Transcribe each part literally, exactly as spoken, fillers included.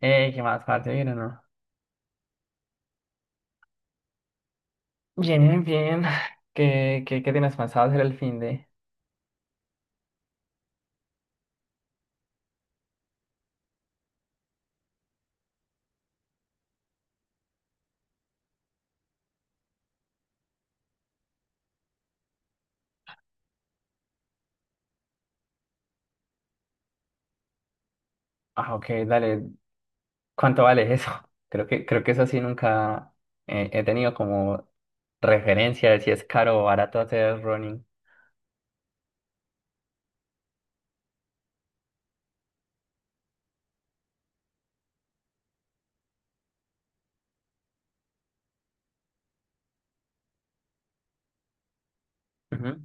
Eh, ¿qué más, parce? ¿Bien o no? Bien, bien. ¿Qué, qué, qué tienes pensado hacer el fin de...? Ah, ok, dale. ¿Cuánto vale eso? Creo que, creo que eso sí nunca eh, he tenido como referencia de si es caro o barato hacer running. Ujú.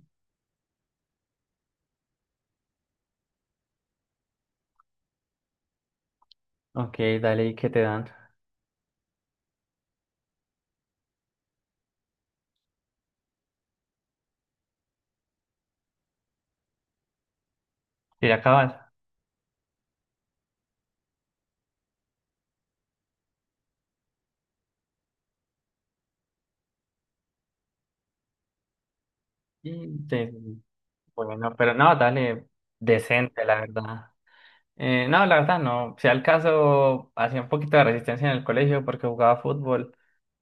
Ok, dale, ¿y qué te dan? ¿Y ya acabas? Y te- Bueno, pero no, dale, decente, la verdad. Eh, no, la verdad no. Si al caso, hacía un poquito de resistencia en el colegio porque jugaba fútbol.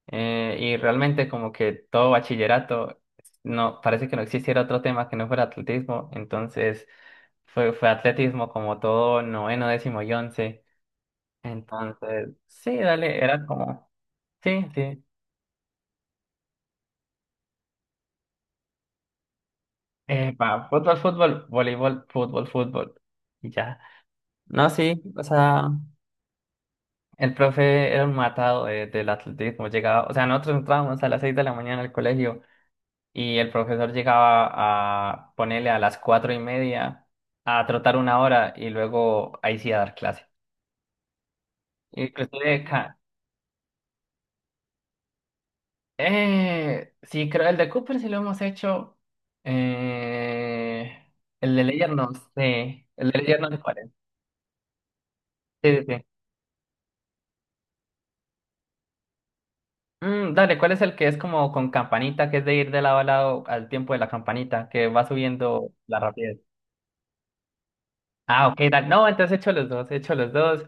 Eh, y realmente como que todo bachillerato, no, parece que no existiera otro tema que no fuera atletismo, entonces fue, fue atletismo como todo noveno, décimo y once, entonces sí, dale, era como, sí, sí, eh, pa, fútbol, fútbol, voleibol, fútbol, fútbol, y ya. No, sí, o sea, el profe era un matado de- del atletismo, llegaba, o sea, nosotros entrábamos a las seis de la mañana al colegio y el profesor llegaba a ponerle a las cuatro y media a trotar una hora y luego ahí sí a dar clase. Inclusive, ca- eh, sí, creo el de Cooper sí lo hemos hecho. Eh, el de Ledger no sé. El de Ledger no sé cuál es. Sí, sí, sí. Mm, dale, ¿cuál es el que es como con campanita, que es de ir de lado a lado al tiempo de la campanita, que va subiendo la rapidez? Ah, ok, dale. No, entonces he hecho los dos, he hecho los dos.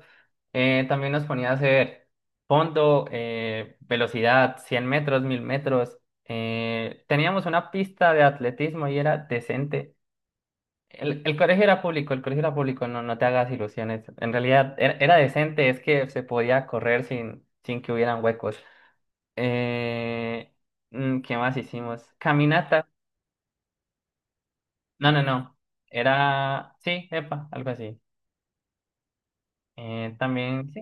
Eh, también nos ponía a hacer fondo, eh, velocidad, cien metros, mil metros. Eh, teníamos una pista de atletismo y era decente. El, el colegio era público, el colegio era público, no, no te hagas ilusiones. En realidad era, era decente, es que se podía correr sin, sin que hubieran huecos. Eh, mm, ¿Qué más hicimos? Caminata. No, no, no. Era, sí, epa, algo así. Eh, también, sí.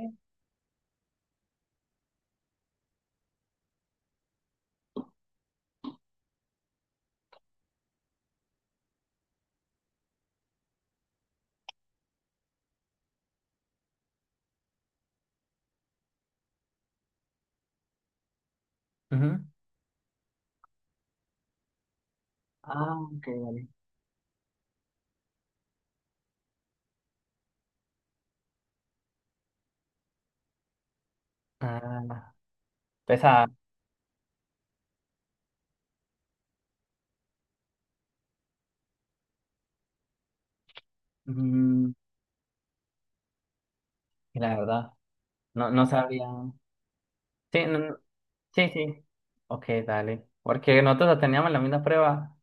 Ujú. Ah, ok, vale. Ah, pesa. ah, mm, sí, la verdad, no, no sabía. Sí, no, no- sí, sí. Ok, dale. Porque nosotros la teníamos la misma prueba,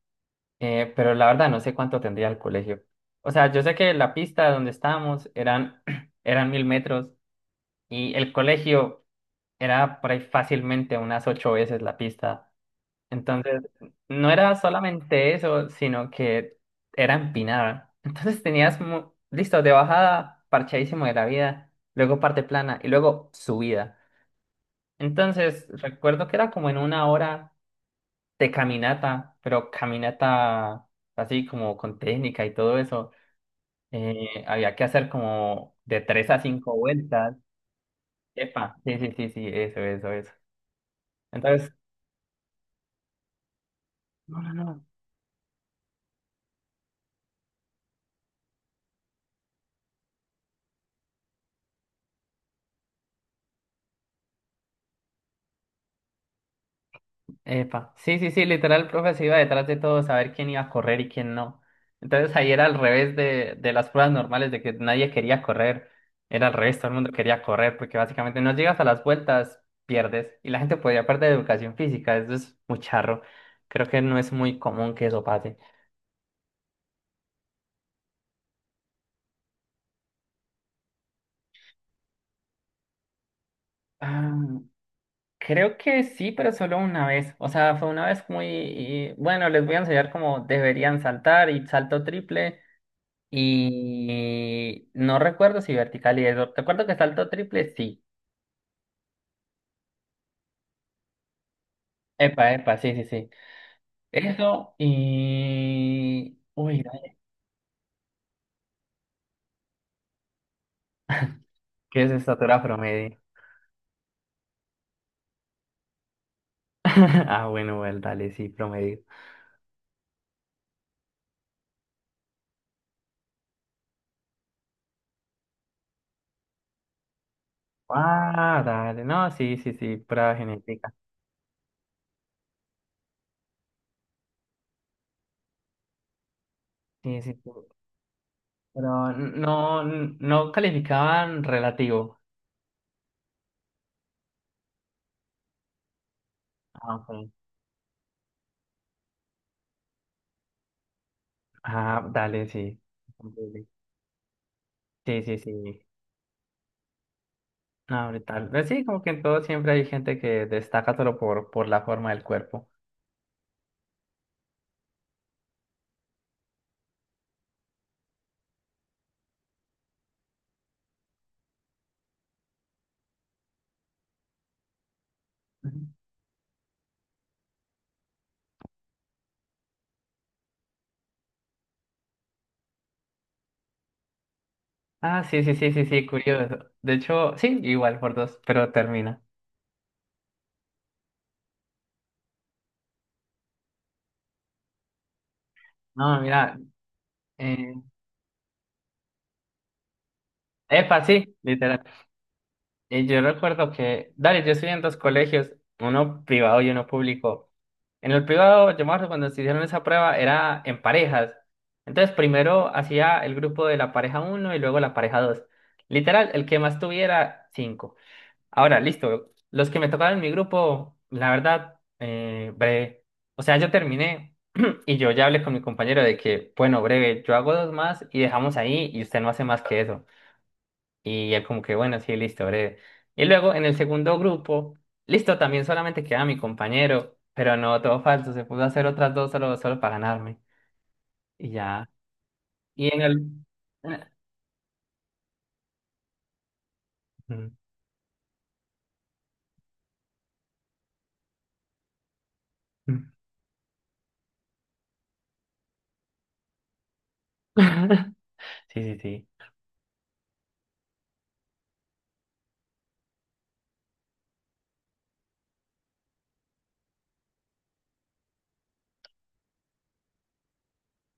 eh, pero la verdad no sé cuánto tendría el colegio. O sea, yo sé que la pista donde estábamos eran, eran mil metros y el colegio era por ahí fácilmente unas ocho veces la pista. Entonces, no era solamente eso, sino que era empinada. Entonces tenías, mu- listo, de bajada, parchadísimo de la vida, luego parte plana y luego subida. Entonces, recuerdo que era como en una hora de caminata, pero caminata así como con técnica y todo eso. Eh, había que hacer como de tres a cinco vueltas. Epa, sí, sí, sí, sí, eso, eso, eso. Entonces, no, no, no. Epa, sí, sí, sí, literal el profe se iba detrás de todo, saber quién iba a correr y quién no. Entonces ahí era al revés de, de las pruebas normales, de que nadie quería correr. Era al revés, todo el mundo quería correr, porque básicamente no llegas a las vueltas, pierdes. Y la gente podía perder educación física, eso es muy charro. Creo que no es muy común que eso pase. Ah, creo que sí, pero solo una vez. O sea, fue una vez muy... y- bueno, les voy a enseñar cómo deberían saltar y salto triple. Y no recuerdo si vertical y eso. Recuerdo que salto triple, sí. Epa, epa, sí, sí, sí. Eso y... Uy, dale, ¿qué es estatura promedio? Ah, bueno, bueno, dale, sí, promedio. Ah, dale, no, sí, sí, sí, prueba genética. Sí, sí, sí. Pero no, no calificaban relativo. Ah, ok. Ah, dale, sí. Comprendible. Sí, sí, sí. Ah, brutal. Pero sí, como que en todo siempre hay gente que destaca solo por, por la forma del cuerpo. Ujú. Ah, sí, sí, sí, sí, sí, curioso. De hecho, sí, igual por dos, pero termina. No, mira, eh, epa, sí, literal. Eh, yo recuerdo que, dale, yo estudié en dos colegios, uno privado y uno público. En el privado, yo me acuerdo cuando se hicieron esa prueba, era en parejas. Entonces, primero hacía el grupo de la pareja uno y luego la pareja dos. Literal, el que más tuviera, cinco. Ahora, listo. Los que me tocaron en mi grupo, la verdad, eh, breve. O sea, yo terminé y yo ya hablé con mi compañero de que, bueno, breve, yo hago dos más y dejamos ahí y usted no hace más que eso. Y él como que, bueno, sí, listo, breve. Y luego en el segundo grupo, listo, también solamente queda mi compañero, pero no, todo falso, se pudo hacer otras dos solo, solo para ganarme. Y ya. Y en el... Sí, sí, sí.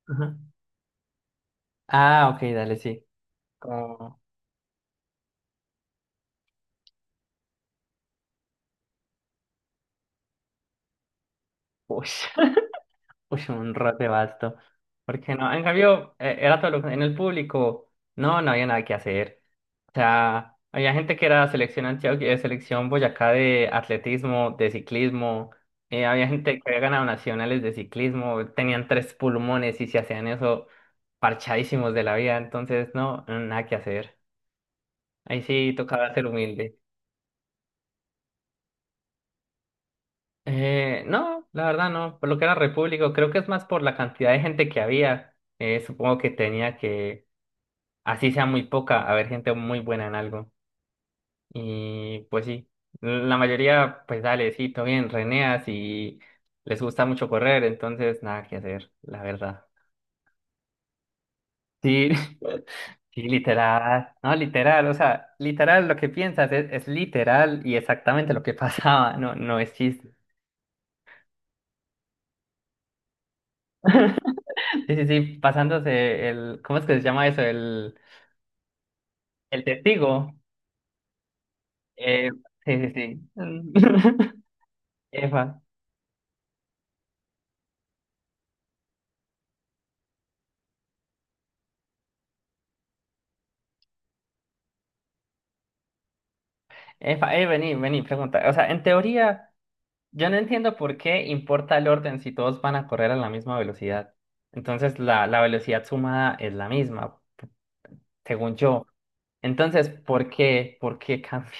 Ajá. Ah, ok, dale, sí. Como... Uy. Uy, un roce vasto. Porque no, en cambio, eh, era todo lo que- en el público, no, no había nada que hacer. O sea, había gente que era selección Antioquia, eh, selección Boyacá de atletismo, de ciclismo. Eh, había gente que había ganado nacionales de ciclismo, tenían tres pulmones y se hacían eso parchadísimos de la vida. Entonces, no, nada que hacer. Ahí sí tocaba ser humilde. Eh, no, la verdad no. Por lo que era Repúblico, creo que es más por la cantidad de gente que había. Eh, supongo que tenía que así sea muy poca, haber gente muy buena en algo. Y pues sí, la mayoría, pues dale, sí, todo bien, reneas y les gusta mucho correr, entonces nada que hacer, la verdad. Sí, sí, literal, no, literal, o sea, literal lo que piensas es, es literal y exactamente lo que pasaba, no, no es chiste. Sí, sí, sí, pasándose el, ¿cómo es que se llama eso? El, el testigo. Eh, sí, sí, sí. Efa. Epa, eh, vení, vení, pregunta. O sea, en teoría, yo no entiendo por qué importa el orden si todos van a correr a la misma velocidad. Entonces, la, la velocidad sumada es la misma, según yo. Entonces, ¿por qué? ¿Por qué cambia?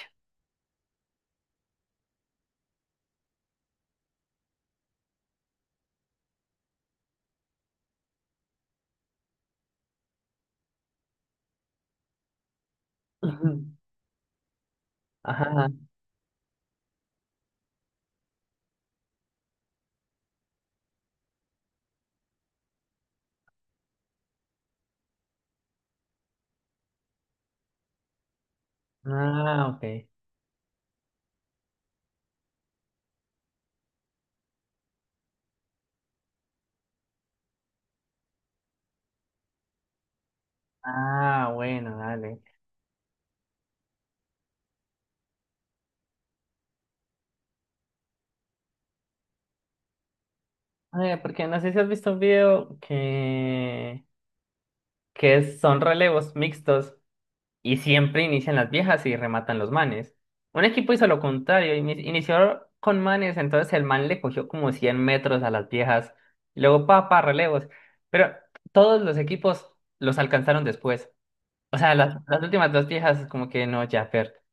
Ujú. Ajá. Ah, ok. Ah, bueno, dale. Eh, porque no sé si has visto un video que, que es- son relevos mixtos. Y siempre inician las viejas y rematan los manes. Un equipo hizo lo contrario, ini- inició con manes, entonces el man le cogió como cien metros a las viejas, y luego pa, pa, relevos. Pero todos los equipos los alcanzaron después. O sea, las, las últimas dos viejas como que no, ya, per.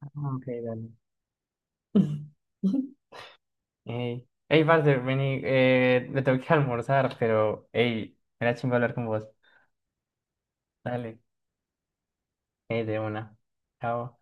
Ah, ok, dale. Ey, ey, parce, vení, eh, me tengo que almorzar, pero, ey, era chingo hablar con vos. Dale, ey, de una. Chao.